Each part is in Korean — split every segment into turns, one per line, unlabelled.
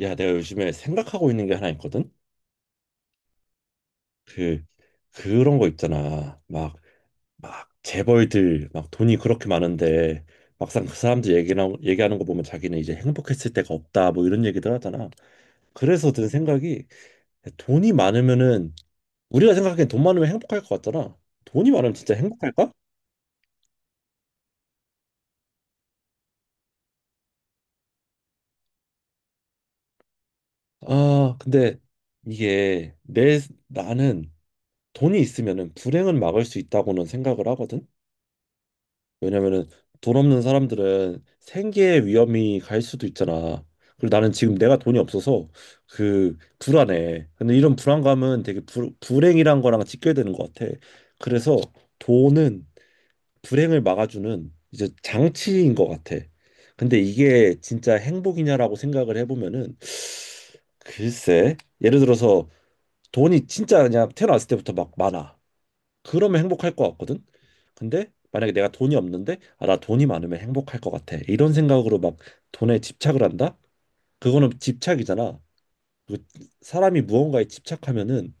야, 내가 요즘에 생각하고 있는 게 하나 있거든. 그 그런 거 있잖아. 막 재벌들 막 돈이 그렇게 많은데 막상 그 사람들 얘기나 얘기하는 거 보면 자기는 이제 행복했을 때가 없다 뭐 이런 얘기들 하잖아. 그래서 든 생각이 돈이 많으면은 우리가 생각하기엔 돈 많으면 행복할 것 같잖아. 돈이 많으면 진짜 행복할까? 아, 근데 이게 내 나는 돈이 있으면은 불행은 막을 수 있다고는 생각을 하거든. 왜냐면은 돈 없는 사람들은 생계의 위험이 갈 수도 있잖아. 그리고 나는 지금 내가 돈이 없어서 불안해. 근데 이런 불안감은 되게 불행이란 거랑 직결되는 것 같아. 그래서 돈은 불행을 막아주는 이제 장치인 것 같아. 근데 이게 진짜 행복이냐라고 생각을 해보면은 글쎄, 예를 들어서 돈이 진짜 그냥 태어났을 때부터 막 많아. 그러면 행복할 것 같거든. 근데 만약에 내가 돈이 없는데 아, 나 돈이 많으면 행복할 것 같아. 이런 생각으로 막 돈에 집착을 한다? 그거는 집착이잖아. 그 사람이 무언가에 집착하면은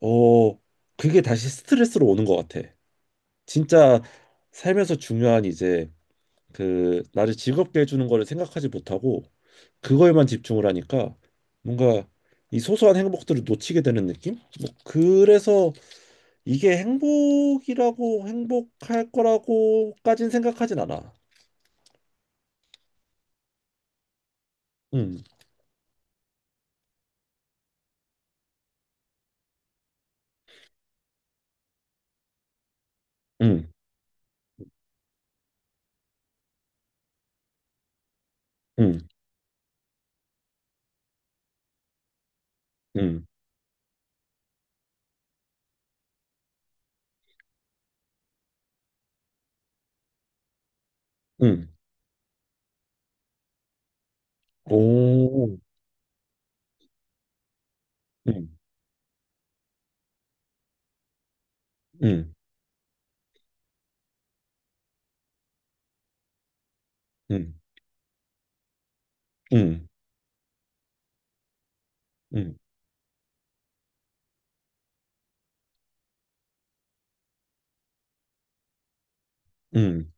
어 그게 다시 스트레스로 오는 것 같아. 진짜 살면서 중요한 이제 나를 즐겁게 해주는 거를 생각하지 못하고 그거에만 집중을 하니까 뭔가 이 소소한 행복들을 놓치게 되는 느낌? 뭐 그래서 이게 행복이라고 행복할 거라고까진 생각하진 않아. 음, 음, 음, 음, 음. 오, 음, 음, 음, 음, 음, 음, 음.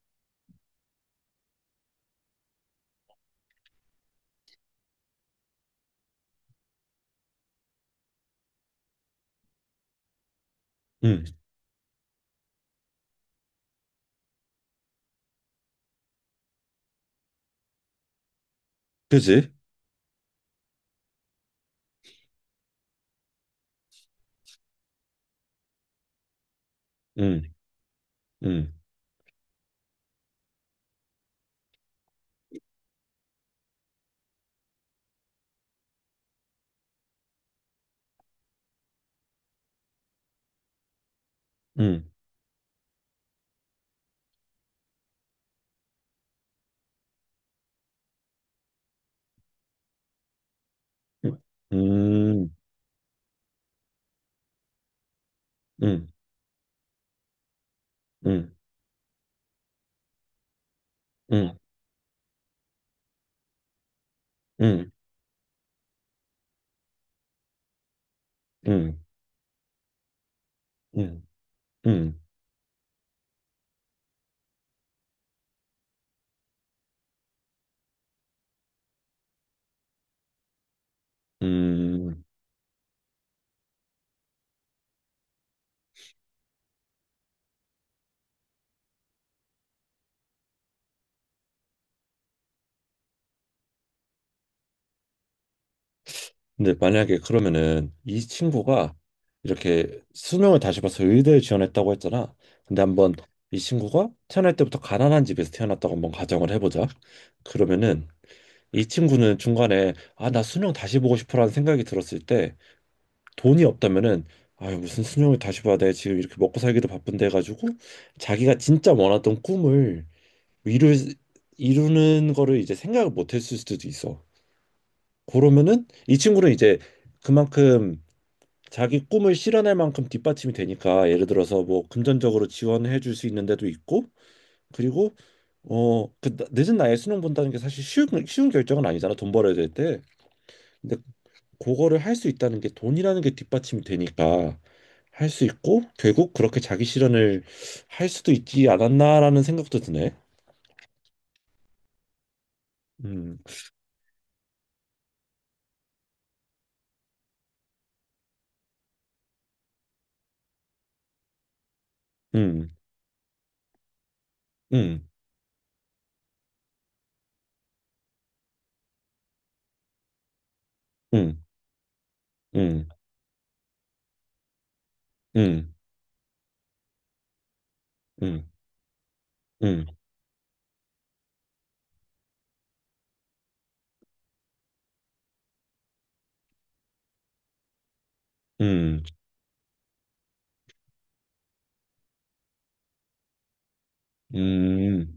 음. 그지? 음, 음, 음, 음, 음, 음, 음, 음, 음, 음, 음, 음, 음. 음. 근데 만약에 그러면은 이 친구가 이렇게 수능을 다시 봐서 의대에 지원했다고 했잖아. 근데 한번 이 친구가 태어날 때부터 가난한 집에서 태어났다고 한번 가정을 해보자. 그러면은 이 친구는 중간에 아, 나 수능 다시 보고 싶어라는 생각이 들었을 때 돈이 없다면은 아 무슨 수능을 다시 봐야 돼. 지금 이렇게 먹고 살기도 바쁜데 해가지고 자기가 진짜 원했던 꿈을 이루, 이루는 거를 이제 생각을 못 했을 수도 있어. 그러면은 이 친구는 이제 그만큼 자기 꿈을 실현할 만큼 뒷받침이 되니까 예를 들어서 뭐 금전적으로 지원해 줄 수 있는 데도 있고 그리고 그 늦은 나이에 수능 본다는 게 사실 쉬운 결정은 아니잖아 돈 벌어야 될 때 근데 그거를 할 수 있다는 게 돈이라는 게 뒷받침이 되니까 할 수 있고 결국 그렇게 자기 실현을 할 수도 있지 않았나라는 생각도 드네. 음 음 음 음 음 음 음 음 음 음 음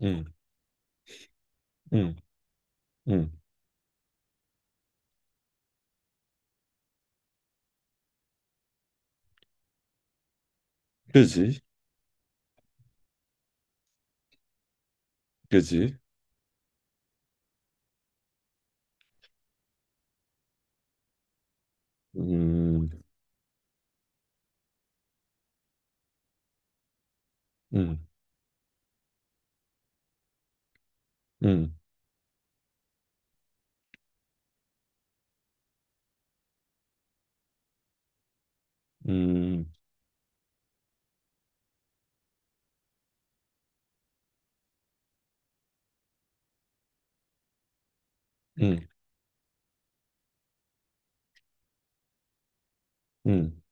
음 음 음 그지 그지 음, 음, 음, 음, 음, 음.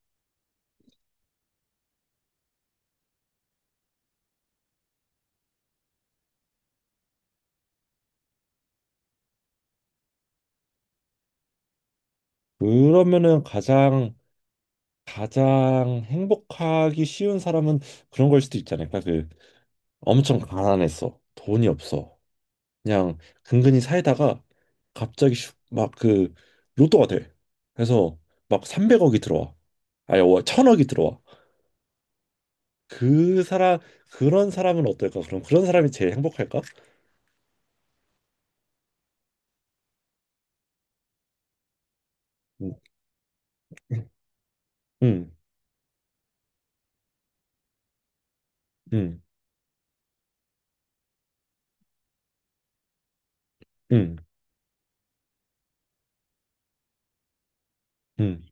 그러면은 가장 행복하기 쉬운 사람은 그런 걸 수도 있지 않을까? 엄청 가난했어, 돈이 없어, 그냥 근근히 살다가 갑자기 막 그 로또가 돼. 그래서 막 300억이 들어와, 아니 1천억이 들어와. 그 사람 그런 사람은 어떨까? 그럼 그런 사람이 제일 행복할까? 음, 음, 음, 음, 음.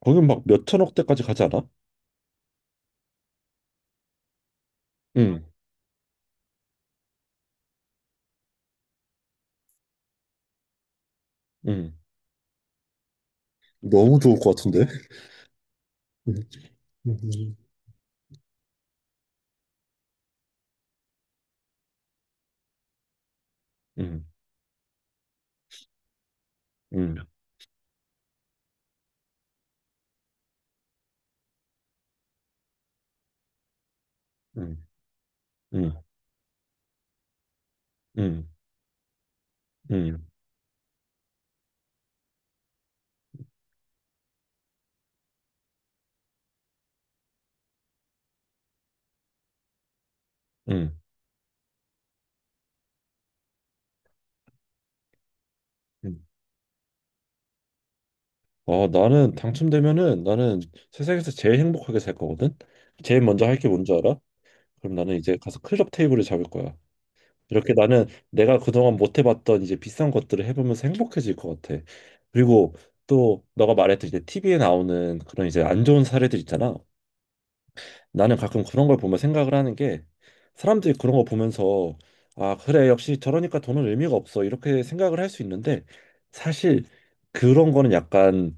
거긴 막 몇천억 대까지 가지 않아? 응, 응. 너무 좋을 것 같은데? 음. 응, 응, 응, 응, 응, 응, 응. 응. 응. 아, 나는 당첨되면은 나는 세상에서 제일 행복하게 살 거거든. 제일 먼저 할 게 뭔지 알아? 그럼 나는 이제 가서 클럽 테이블을 잡을 거야. 이렇게 나는 내가 그동안 못 해봤던 이제 비싼 것들을 해보면서 행복해질 것 같아. 그리고 또 너가 말했듯이 제 TV에 나오는 그런 이제 안 좋은 사례들 있잖아. 나는 가끔 그런 걸 보면 생각을 하는 게 사람들이 그런 거 보면서 아 그래 역시 저러니까 돈은 의미가 없어 이렇게 생각을 할 수 있는데 사실 그런 거는 약간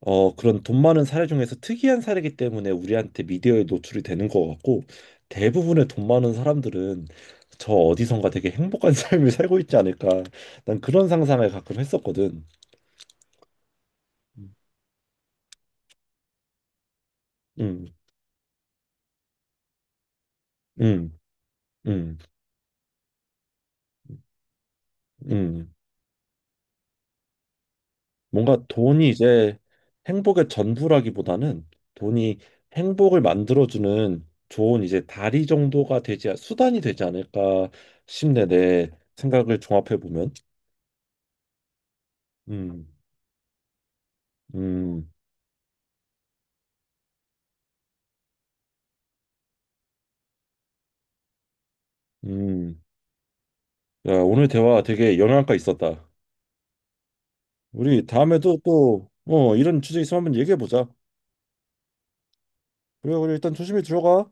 그런 돈 많은 사례 중에서 특이한 사례이기 때문에 우리한테 미디어에 노출이 되는 거 같고 대부분의 돈 많은 사람들은 저 어디선가 되게 행복한 삶을 살고 있지 않을까 난 그런 상상을 가끔 했었거든. 음, 음, 음, 음. 음. 뭔가 돈이 이제 행복의 전부라기보다는 돈이 행복을 만들어주는 좋은 이제 다리 정도가 되지, 수단이 되지 않을까 싶네, 내 생각을 종합해 보면. 음, 음, 음. 야, 오늘 대화 되게 영향가 있었다. 우리 다음에도 또, 이런 주제 있으면 한번 얘기해 보자. 그래, 그래, 일단 조심히 들어가.